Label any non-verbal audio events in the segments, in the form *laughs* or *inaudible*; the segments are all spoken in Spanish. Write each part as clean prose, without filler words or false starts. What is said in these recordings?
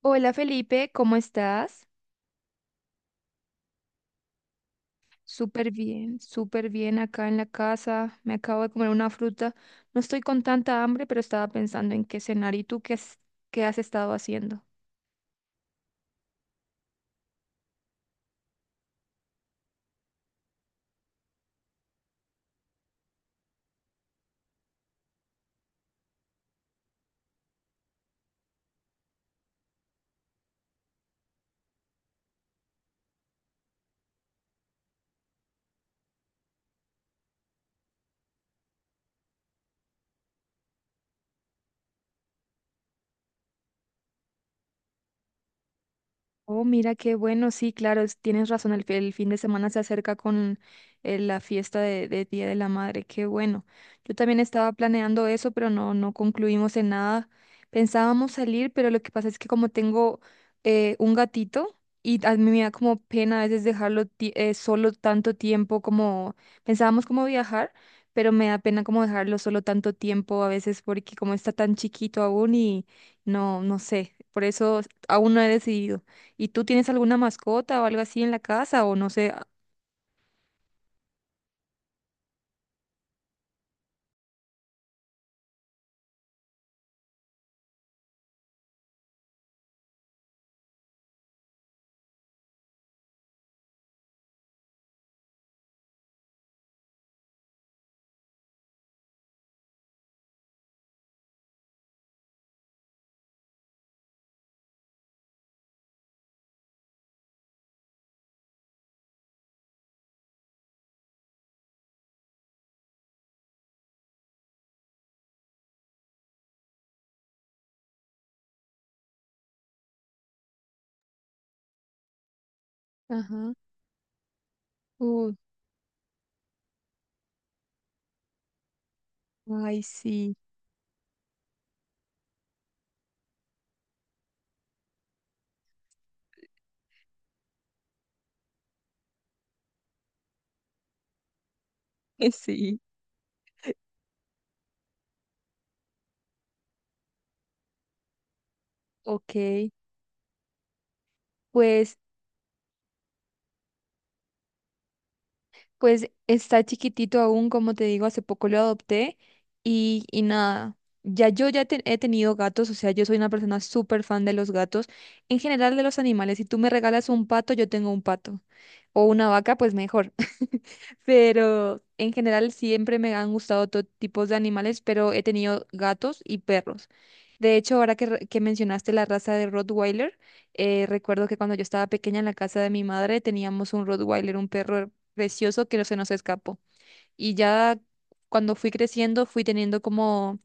Hola Felipe, ¿cómo estás? Súper bien acá en la casa. Me acabo de comer una fruta. No estoy con tanta hambre, pero estaba pensando en qué cenar. ¿Y tú qué, qué has estado haciendo? Oh, mira qué bueno, sí, claro, tienes razón, el fin de semana se acerca con la fiesta de Día de la Madre, qué bueno. Yo también estaba planeando eso, pero no concluimos en nada. Pensábamos salir, pero lo que pasa es que como tengo un gatito y a mí me da como pena a veces dejarlo solo tanto tiempo, como pensábamos como viajar, pero me da pena como dejarlo solo tanto tiempo a veces porque como está tan chiquito aún y no sé, por eso aún no he decidido. ¿Y tú tienes alguna mascota o algo así en la casa o no sé? Ajá. Uy. Ay, sí. *laughs* Sí. Ok, pues pues está chiquitito aún, como te digo, hace poco lo adopté y nada, ya yo ya he tenido gatos, o sea, yo soy una persona súper fan de los gatos, en general de los animales. Si tú me regalas un pato, yo tengo un pato, o una vaca, pues mejor. *laughs* Pero en general siempre me han gustado todo tipos de animales, pero he tenido gatos y perros. De hecho, ahora que mencionaste la raza de Rottweiler, recuerdo que cuando yo estaba pequeña en la casa de mi madre teníamos un Rottweiler, un perro precioso que no se nos escapó. Y ya cuando fui creciendo, fui teniendo como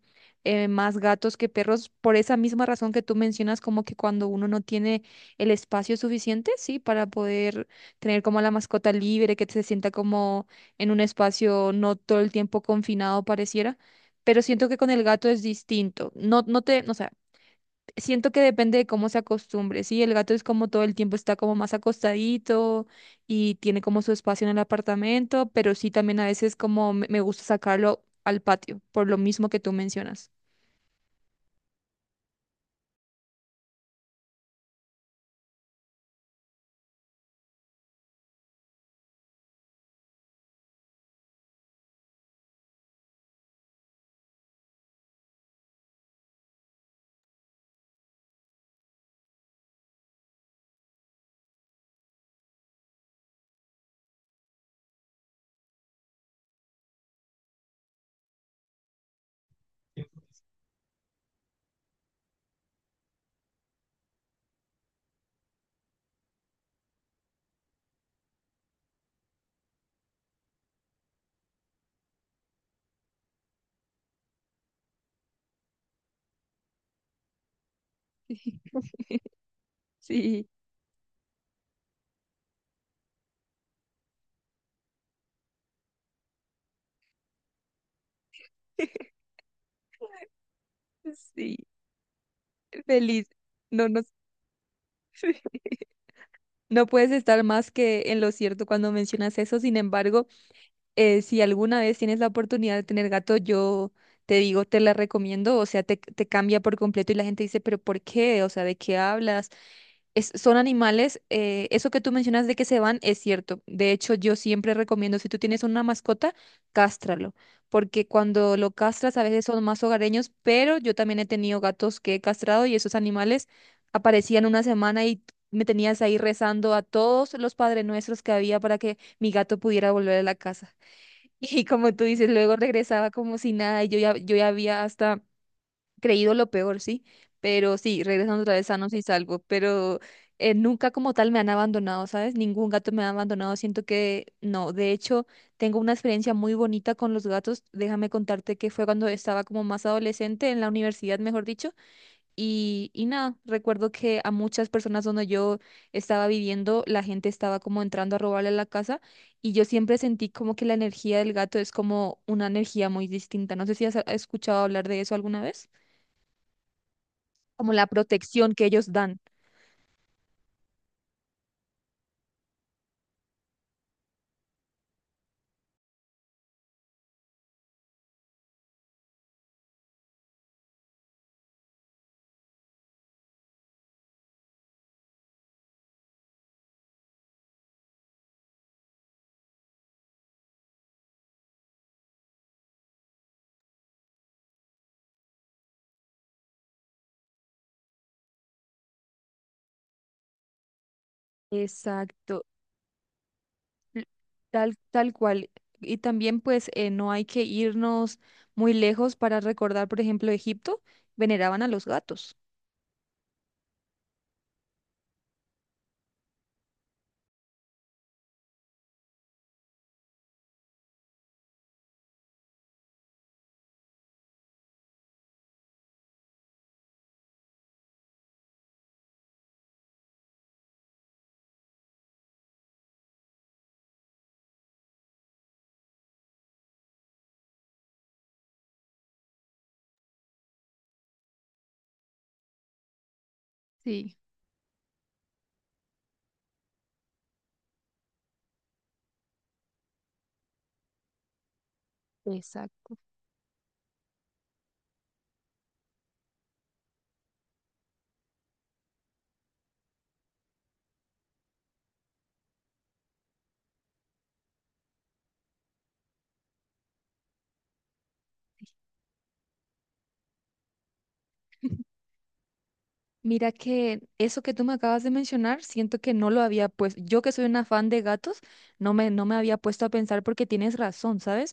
más gatos que perros, por esa misma razón que tú mencionas, como que cuando uno no tiene el espacio suficiente, sí, para poder tener como la mascota libre, que se sienta como en un espacio no todo el tiempo confinado pareciera. Pero siento que con el gato es distinto. No sé. Siento que depende de cómo se acostumbre, ¿sí? El gato es como todo el tiempo está como más acostadito y tiene como su espacio en el apartamento, pero sí también a veces como me gusta sacarlo al patio, por lo mismo que tú mencionas. Sí. *laughs* Sí, feliz. No, no. *laughs* No puedes estar más que en lo cierto cuando mencionas eso. Sin embargo, si alguna vez tienes la oportunidad de tener gato, yo te digo, te la recomiendo. O sea, te cambia por completo y la gente dice, pero ¿por qué? O sea, ¿de qué hablas? Son animales. Eso que tú mencionas de que se van es cierto. De hecho, yo siempre recomiendo, si tú tienes una mascota, cástralo, porque cuando lo castras a veces son más hogareños, pero yo también he tenido gatos que he castrado y esos animales aparecían una semana y me tenías ahí rezando a todos los Padre Nuestros que había para que mi gato pudiera volver a la casa. *laughs* Y como tú dices, luego regresaba como si nada y yo ya había hasta creído lo peor, sí, pero sí, regresando otra vez sanos y salvos, pero nunca como tal me han abandonado, ¿sabes? Ningún gato me ha abandonado, siento que no. De hecho, tengo una experiencia muy bonita con los gatos, déjame contarte que fue cuando estaba como más adolescente en la universidad, mejor dicho, y nada, recuerdo que a muchas personas donde yo estaba viviendo, la gente estaba como entrando a robarle la casa y yo siempre sentí como que la energía del gato es como una energía muy distinta, no sé si has escuchado hablar de eso alguna vez como la protección que ellos dan. Exacto, l- tal cual. Y también pues no hay que irnos muy lejos para recordar, por ejemplo, Egipto, veneraban a los gatos. Sí, exacto. Mira que eso que tú me acabas de mencionar, siento que no lo había puesto. Yo que soy una fan de gatos, no me había puesto a pensar porque tienes razón, ¿sabes?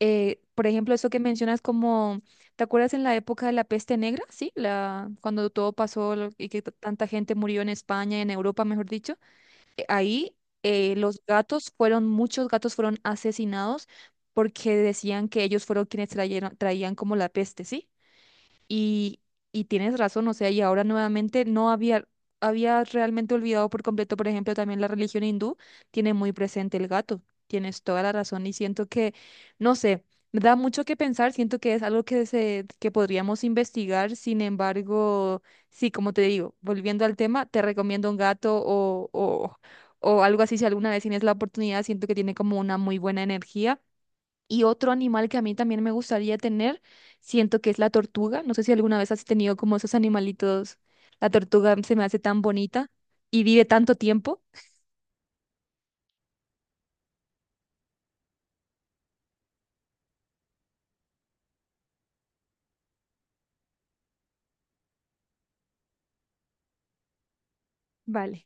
Por ejemplo, eso que mencionas como, ¿te acuerdas en la época de la peste negra? Sí, cuando todo pasó y que tanta gente murió en España, en Europa, mejor dicho. Ahí los gatos fueron, muchos gatos fueron asesinados porque decían que ellos traían como la peste, ¿sí? Y, y tienes razón, o sea, y ahora nuevamente no había, había realmente olvidado por completo, por ejemplo, también la religión hindú tiene muy presente el gato, tienes toda la razón y siento que, no sé, me da mucho que pensar, siento que es algo que podríamos investigar. Sin embargo, sí, como te digo, volviendo al tema, te recomiendo un gato o algo así, si alguna vez tienes la oportunidad, siento que tiene como una muy buena energía y otro animal que a mí también me gustaría tener, siento que es la tortuga. No sé si alguna vez has tenido como esos animalitos. La tortuga se me hace tan bonita y vive tanto tiempo. Vale.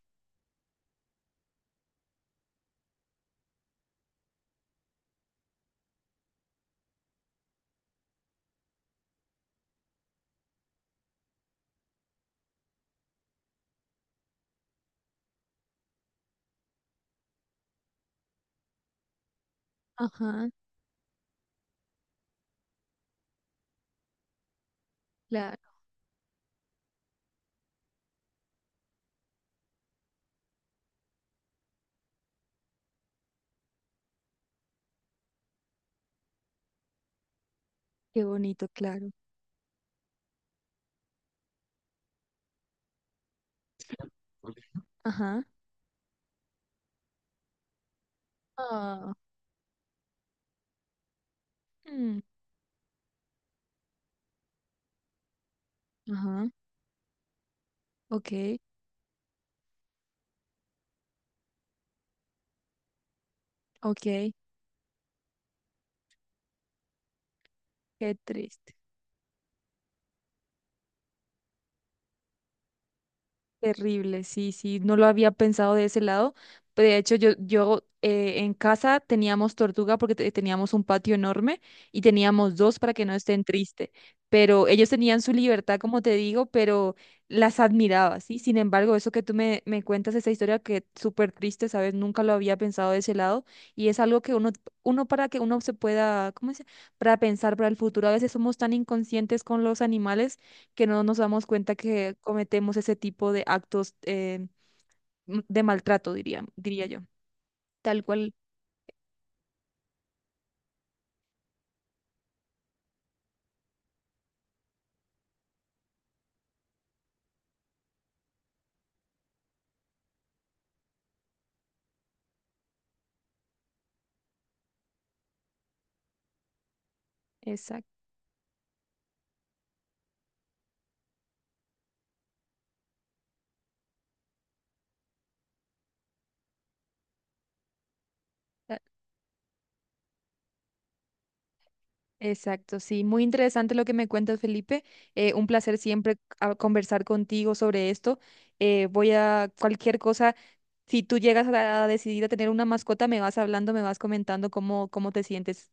Ajá, claro, qué bonito, claro. Ajá. Ah, mm, ajá, ok, ok, qué triste. Terrible, sí, sí, no lo había pensado de ese lado. Pero de hecho, yo en casa teníamos tortuga porque teníamos un patio enorme y teníamos dos para que no estén tristes. Pero ellos tenían su libertad, como te digo, pero las admiraba, ¿sí? Sin embargo, eso que tú me cuentas, esa historia que es súper triste, ¿sabes? Nunca lo había pensado de ese lado y es algo que uno, uno para que uno se pueda, ¿cómo se? Para pensar para el futuro. A veces somos tan inconscientes con los animales que no nos damos cuenta que cometemos ese tipo de actos de maltrato, diría yo. Tal cual. Exacta- Exacto, sí. Muy interesante lo que me cuentas, Felipe. Un placer siempre conversar contigo sobre esto. Voy a cualquier cosa. Si tú llegas a decidir a tener una mascota, me vas hablando, me vas comentando cómo te sientes.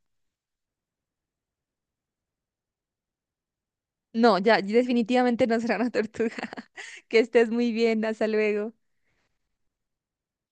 No, ya, definitivamente no será una tortuga. *laughs* Que estés muy bien. Hasta luego.